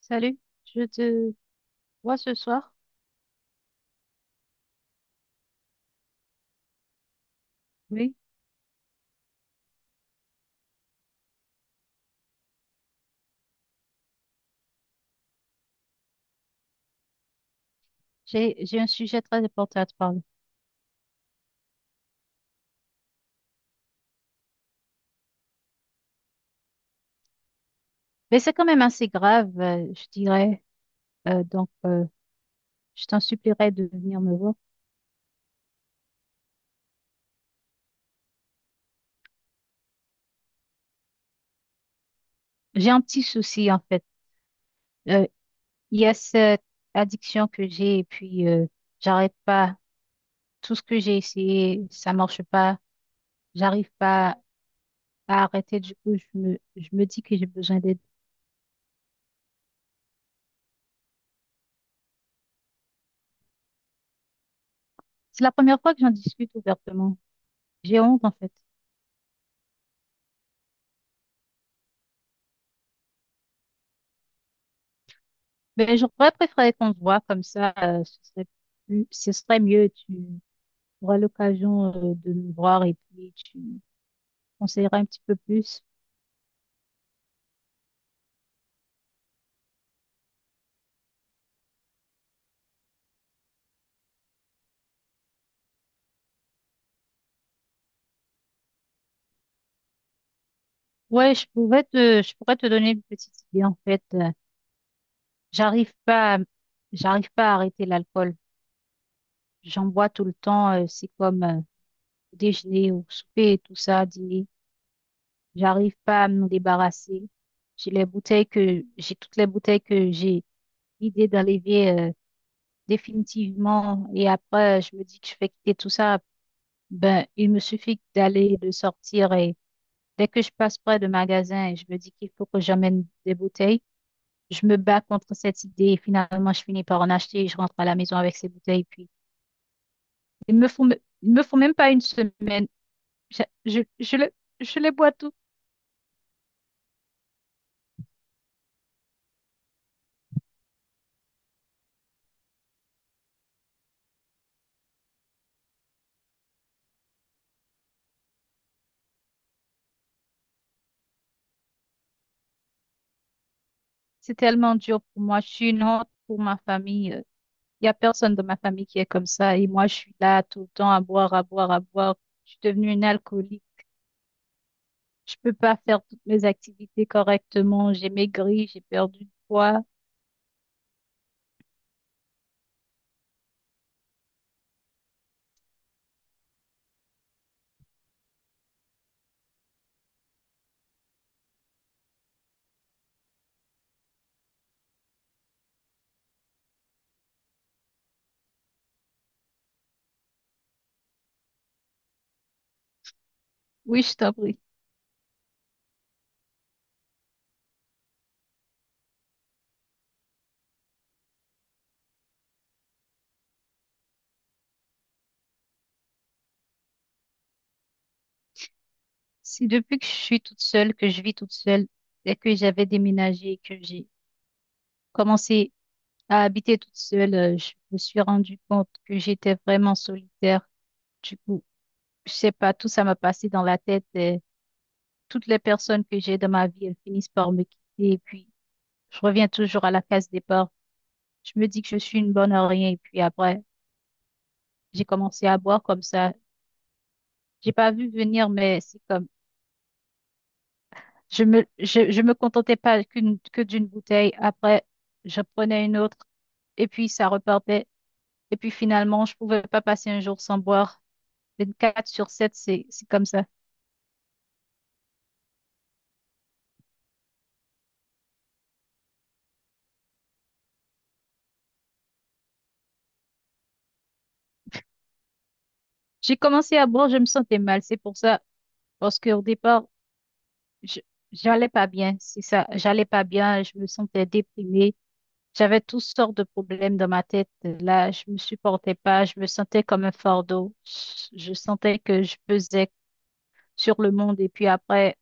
Salut, je te vois ce soir. Oui, j'ai un sujet très important à te parler. Mais c'est quand même assez grave, je dirais. Donc, je t'en supplierai de venir me voir. J'ai un petit souci en fait. Euh, il y a cette addiction que j'ai et puis j'arrête pas. Tout ce que j'ai essayé, ça marche pas. J'arrive pas à arrêter. Du coup, je me dis que j'ai besoin d'aide. C'est la première fois que j'en discute ouvertement. J'ai honte en fait. Ben, j'aurais préféré qu'on se voit comme ça, ce serait ce serait mieux. Tu auras l'occasion, de nous voir et puis tu me conseilleras un petit peu plus. Ouais, je pourrais te donner une petite idée en fait. J'arrive pas, à- j'arrive pas à arrêter l'alcool. J'en bois tout le temps. C'est comme déjeuner ou souper et tout ça, dîner. J'arrive pas à m'en débarrasser. J'ai toutes les bouteilles que j'ai vidées dans l'évier. Définitivement. Et après, je me dis que je vais quitter tout ça. Ben, il me suffit d'aller, de sortir. Et dès que je passe près de magasin et je me dis qu'il faut que j'amène des bouteilles, je me bats contre cette idée. Et finalement, je finis par en acheter et je rentre à la maison avec ces bouteilles. Puis, il me faut même pas une semaine. Je, je, je, les- je les bois toutes. C'est tellement dur pour moi. Je suis une honte pour ma famille. Il y a personne dans ma famille qui est comme ça. Et moi, je suis là tout le temps à boire, à boire, à boire. Je suis devenue une alcoolique. Je peux pas faire toutes mes activités correctement. J'ai maigri, j'ai perdu du poids. Oui, je t'en prie. C'est depuis que je suis toute seule, que je vis toute seule, dès que j'avais déménagé que j'ai commencé à habiter toute seule, je me suis rendu compte que j'étais vraiment solitaire. Du coup, je sais pas, tout ça m'a passé dans la tête. Et toutes les personnes que j'ai dans ma vie, elles finissent par me quitter. Et puis, je reviens toujours à la case départ. Je me dis que je suis une bonne à rien. Et puis après, j'ai commencé à boire comme ça. J'ai pas vu venir, mais c'est comme je me contentais pas qu'une que d'une bouteille. Après, je prenais une autre et puis ça repartait. Et puis finalement, je pouvais pas passer un jour sans boire. Quatre sur 7 c'est comme ça. J'ai commencé à boire, je me sentais mal. C'est pour ça, parce qu'au départ, je- j'allais pas bien. C'est ça, j'allais pas bien. Je me sentais déprimée. J'avais toutes sortes de problèmes dans ma tête. Là, je me supportais pas. Je me sentais comme un fardeau. Je sentais que je pesais sur le monde. Et puis après,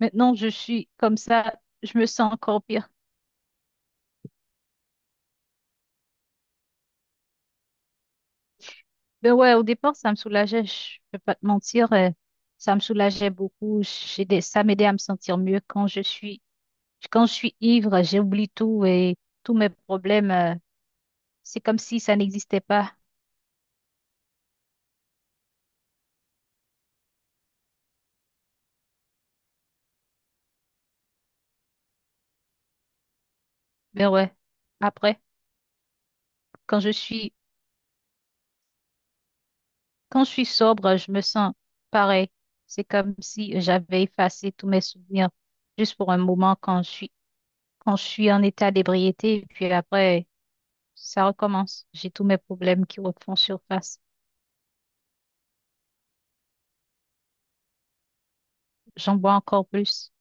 maintenant, je suis comme ça, je me sens encore pire. Ben ouais, au départ, ça me soulageait, je peux pas te mentir, ça me soulageait beaucoup. Ça m'aidait à me sentir mieux quand je suis ivre, j'oublie tout et tous mes problèmes, c'est comme si ça n'existait pas. Ben ouais, après, quand je suis, quand je suis sobre, je me sens pareil. C'est comme si j'avais effacé tous mes souvenirs juste pour un moment quand je suis en état d'ébriété, et puis après, ça recommence. J'ai tous mes problèmes qui refont surface. J'en bois encore plus.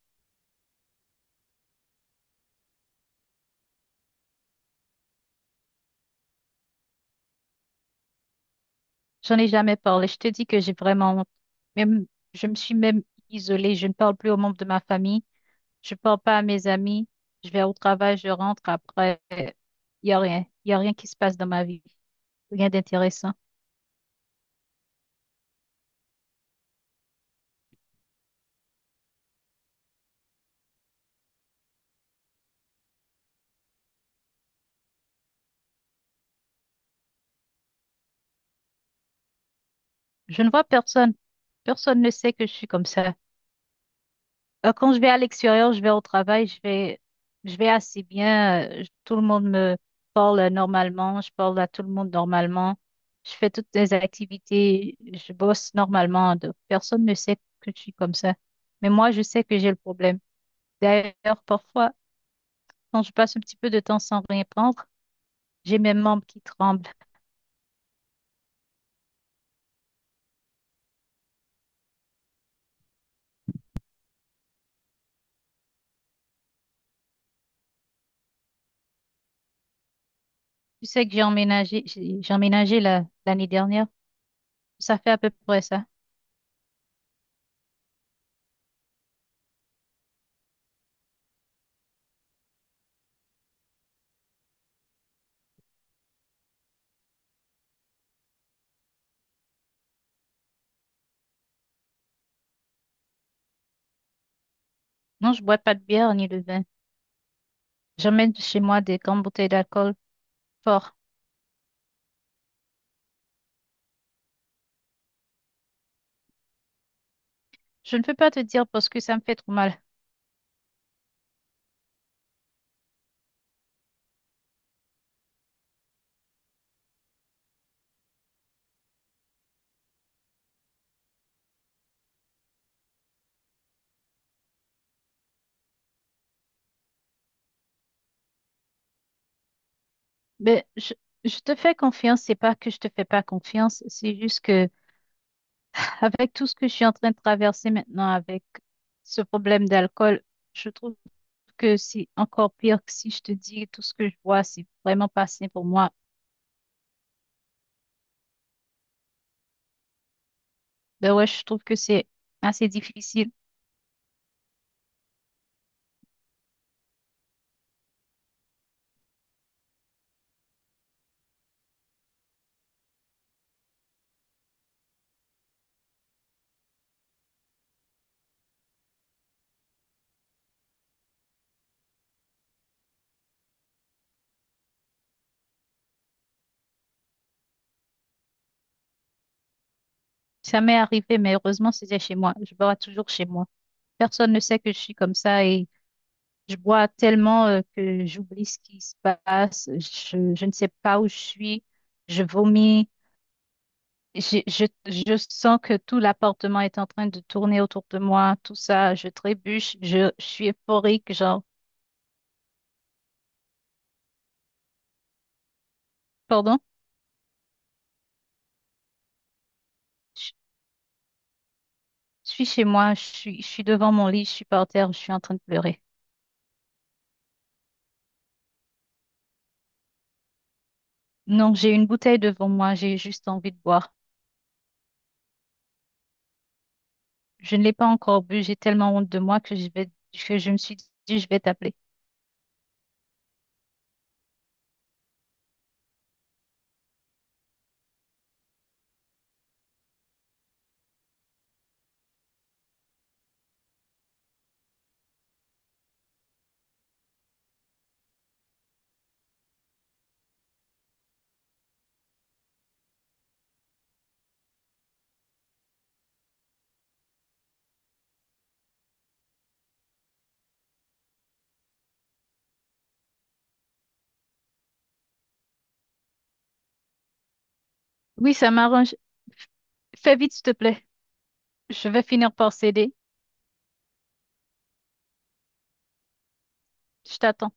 J'en ai jamais parlé. Je te dis que j'ai vraiment honte. Même, je me suis même isolée. Je ne parle plus aux membres de ma famille. Je parle pas à mes amis. Je vais au travail, je rentre après. Il y a rien. Il y a rien qui se passe dans ma vie. Rien d'intéressant. Je ne vois personne. Personne ne sait que je suis comme ça. Quand je vais à l'extérieur, je vais au travail, je vais assez bien. Tout le monde me parle normalement, je parle à tout le monde normalement. Je fais toutes les activités, je bosse normalement. Donc personne ne sait que je suis comme ça. Mais moi, je sais que j'ai le problème. D'ailleurs, parfois, quand je passe un petit peu de temps sans rien prendre, j'ai mes membres qui tremblent. Tu sais que j'ai emménagé l'année dernière. Ça fait à peu près ça. Non, je bois pas de bière ni de vin. J'emmène chez moi des grandes bouteilles d'alcool fort. Je ne peux pas te dire parce que ça me fait trop mal. Mais je te fais confiance, c'est pas que je te fais pas confiance, c'est juste que avec tout ce que je suis en train de traverser maintenant avec ce problème d'alcool, je trouve que c'est encore pire que si je te dis tout ce que je vois. C'est vraiment pas sain pour moi. Ben ouais, je trouve que c'est assez difficile. Ça m'est arrivé, mais heureusement, c'était chez moi. Je bois toujours chez moi. Personne ne sait que je suis comme ça et je bois tellement que j'oublie ce qui se passe. Je ne sais pas où je suis. Je vomis. Je sens que tout l'appartement est en train de tourner autour de moi, tout ça, je trébuche, je suis euphorique, genre, pardon, je, je suis chez moi, je suis devant mon lit, je suis par terre, je suis en train de pleurer. Non, j'ai une bouteille devant moi, j'ai juste envie de boire. Je ne l'ai pas encore bu, j'ai tellement honte de moi que que je me suis dit, je vais t'appeler. Oui, ça m'arrange. Fais vite, s'il te plaît. Je vais finir par céder. Je t'attends.